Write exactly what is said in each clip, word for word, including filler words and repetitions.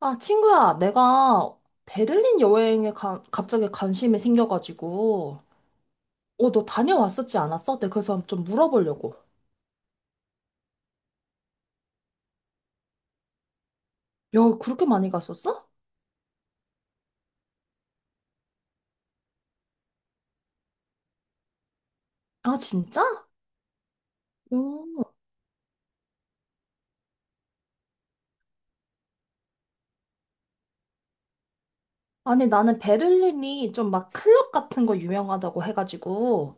아, 친구야, 내가 베를린 여행에 가- 갑자기 관심이 생겨가지고, 어, 너 다녀왔었지 않았어? 내가 그래서 좀 물어보려고. 야, 그렇게 많이 갔었어? 아, 진짜? 오. 아니, 나는 베를린이 좀 막 클럽 같은 거 유명하다고 해가지고,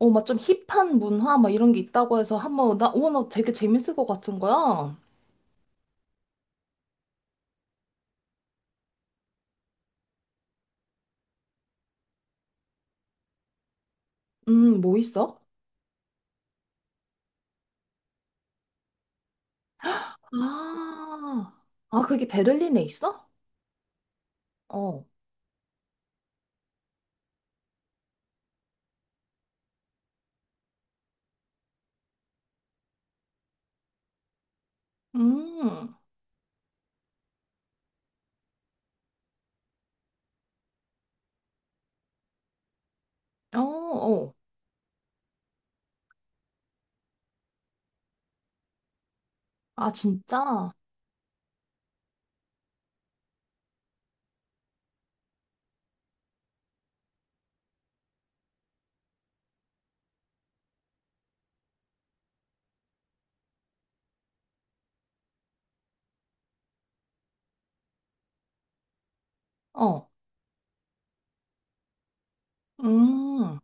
어, 막 좀 힙한 문화 막 이런 게 있다고 해서 한번, 나, 어, 나 되게 재밌을 것 같은 거야. 음, 뭐 있어? 아, 아, 그게 베를린에 있어? 어. 음, 어, 어. 아, 진짜? 어, 음,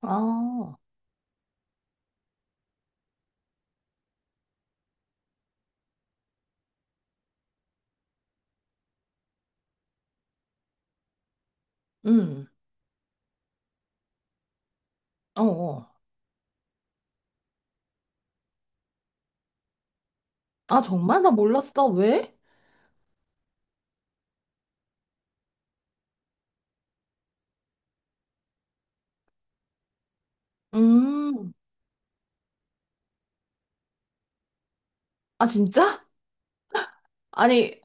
아, 음, 어, 어. 아, 정말? 나 몰랐어. 왜? 음, 아, 진짜? 아니,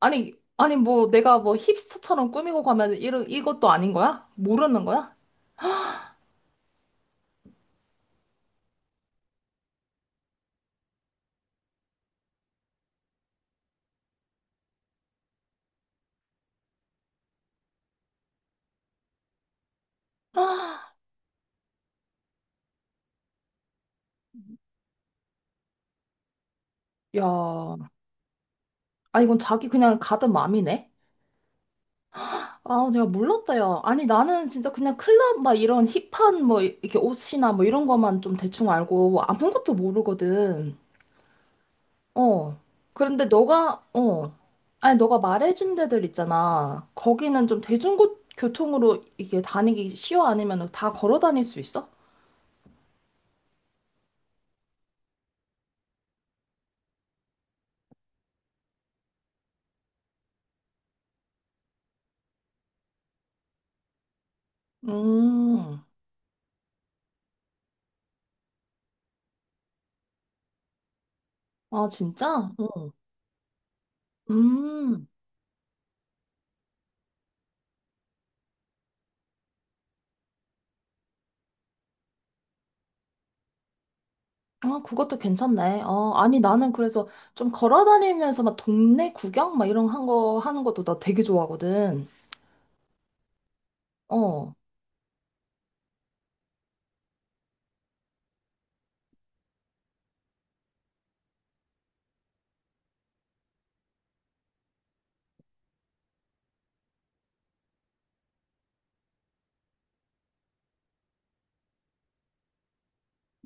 아니, 아니, 뭐, 내가 뭐 힙스터처럼 꾸미고 가면 이런, 이것도 아닌 거야? 모르는 거야? 야, 아, 이건 자기 그냥 가든 맘이네? 아, 내가 몰랐다, 야. 아니, 나는 진짜 그냥 클럽, 막 이런 힙한, 뭐, 이렇게 옷이나 뭐 이런 것만 좀 대충 알고 아무것도 모르거든. 어. 그런데 너가, 어. 아니, 너가 말해준 데들 있잖아. 거기는 좀 대중교통으로 이게 다니기 쉬워? 아니면 다 걸어 다닐 수 있어? 음. 아, 진짜? 어, 음. 아, 그것도 괜찮네. 어, 아니, 나는 그래서 좀 걸어 다니면서 막 동네 구경? 막 이런 한 거, 하는 것도 나 되게 좋아하거든. 어.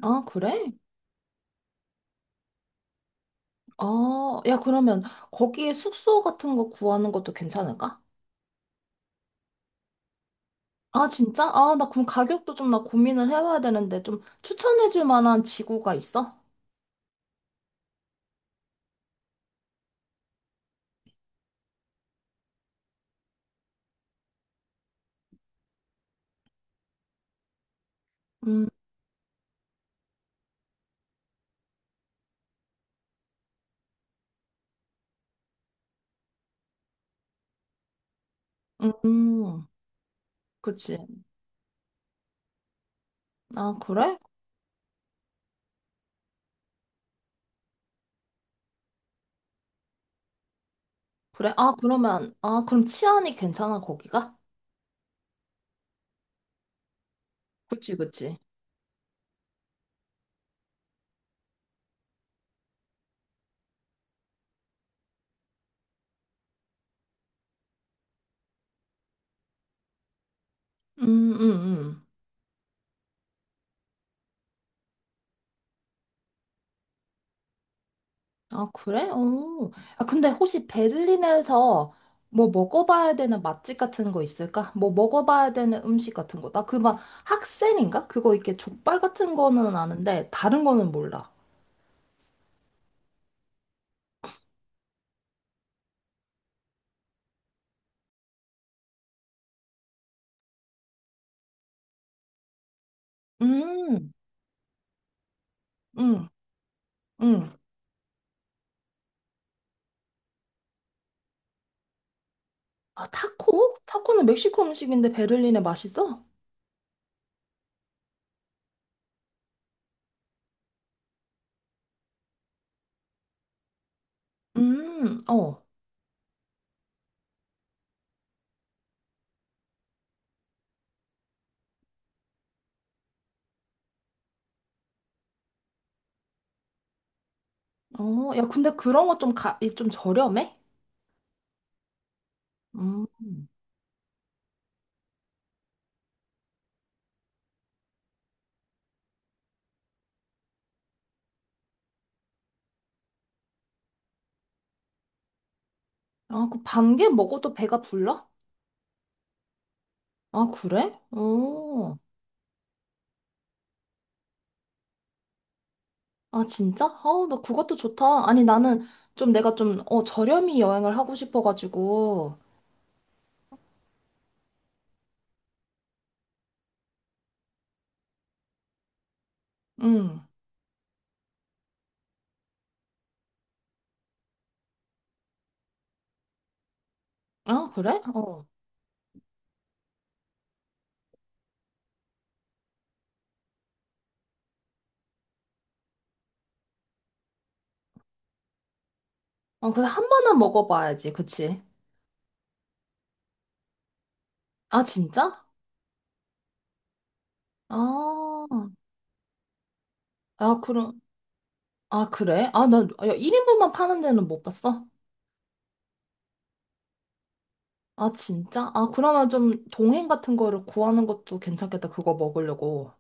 아, 그래? 아, 야, 그러면 거기에 숙소 같은 거 구하는 것도 괜찮을까? 아, 진짜? 아, 나 그럼 가격도 좀 나 고민을 해봐야 되는데, 좀 추천해줄 만한 지구가 있어? 음, 음, 그치. 아, 그래? 그래? 아, 그러면, 아, 그럼 치안이 괜찮아, 거기가? 그치, 그치. 음, 음, 음. 아, 그래? 오. 아, 근데 혹시 베를린에서 뭐 먹어봐야 되는 맛집 같은 거 있을까? 뭐 먹어봐야 되는 음식 같은 거. 나 그 막 학생인가? 그거 이렇게 족발 같은 거는 아는데, 다른 거는 몰라. 음, 음, 음. 아, 타코? 타코는 멕시코 음식인데 베를린에 맛있어? 음, 어. 어, 야, 근데 그런 거 좀 가, 이 좀 저렴해? 음. 아, 그 반개 먹어도 배가 불러? 아, 그래? 어. 아, 진짜? 아우, 나 그것도 좋다. 아니, 나는 좀 내가 좀, 어, 저렴이 여행을 하고 싶어가지고. 음. 아, 그래? 어. 아, 그래, 한 번은 먹어봐야지. 그치? 아, 진짜? 아, 아, 그럼, 아, 그래? 아, 나, 야, 일 인분만 파는 데는 못 봤어? 아, 진짜? 아, 그러면 좀 동행 같은 거를 구하는 것도 괜찮겠다. 그거 먹으려고.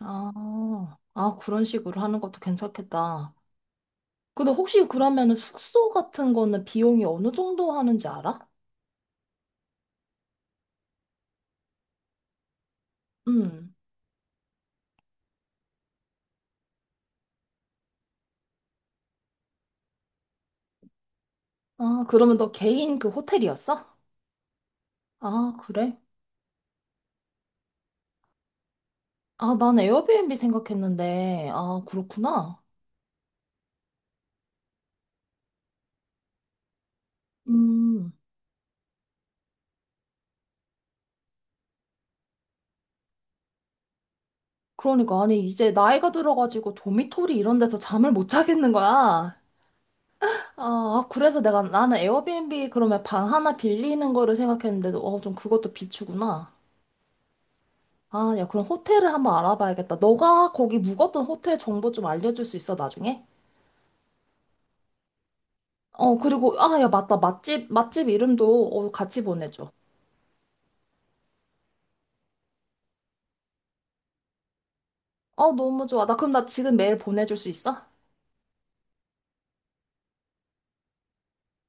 아, 아, 그런 식으로 하는 것도 괜찮겠다. 근데 혹시 그러면은 숙소 같은 거는 비용이 어느 정도 하는지 알아? 음. 아, 그러면 너 개인 그 호텔이었어? 아, 그래? 아, 난 에어비앤비 생각했는데. 아, 그렇구나. 음. 그러니까, 아니, 이제 나이가 들어가지고 도미토리 이런 데서 잠을 못 자겠는 거야. 아, 아, 그래서 내가 나는 에어비앤비 그러면 방 하나 빌리는 거를 생각했는데도 어, 좀 그것도 비추구나. 아, 야, 그럼 호텔을 한번 알아봐야겠다. 너가 거기 묵었던 호텔 정보 좀 알려줄 수 있어, 나중에? 어, 그리고 아, 야, 맞다. 맛집 맛집 이름도 어, 같이 보내줘. 어, 너무 좋아. 나 그럼 나 지금 메일 보내줄 수 있어?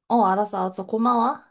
어, 알았어, 알았어. 고마워.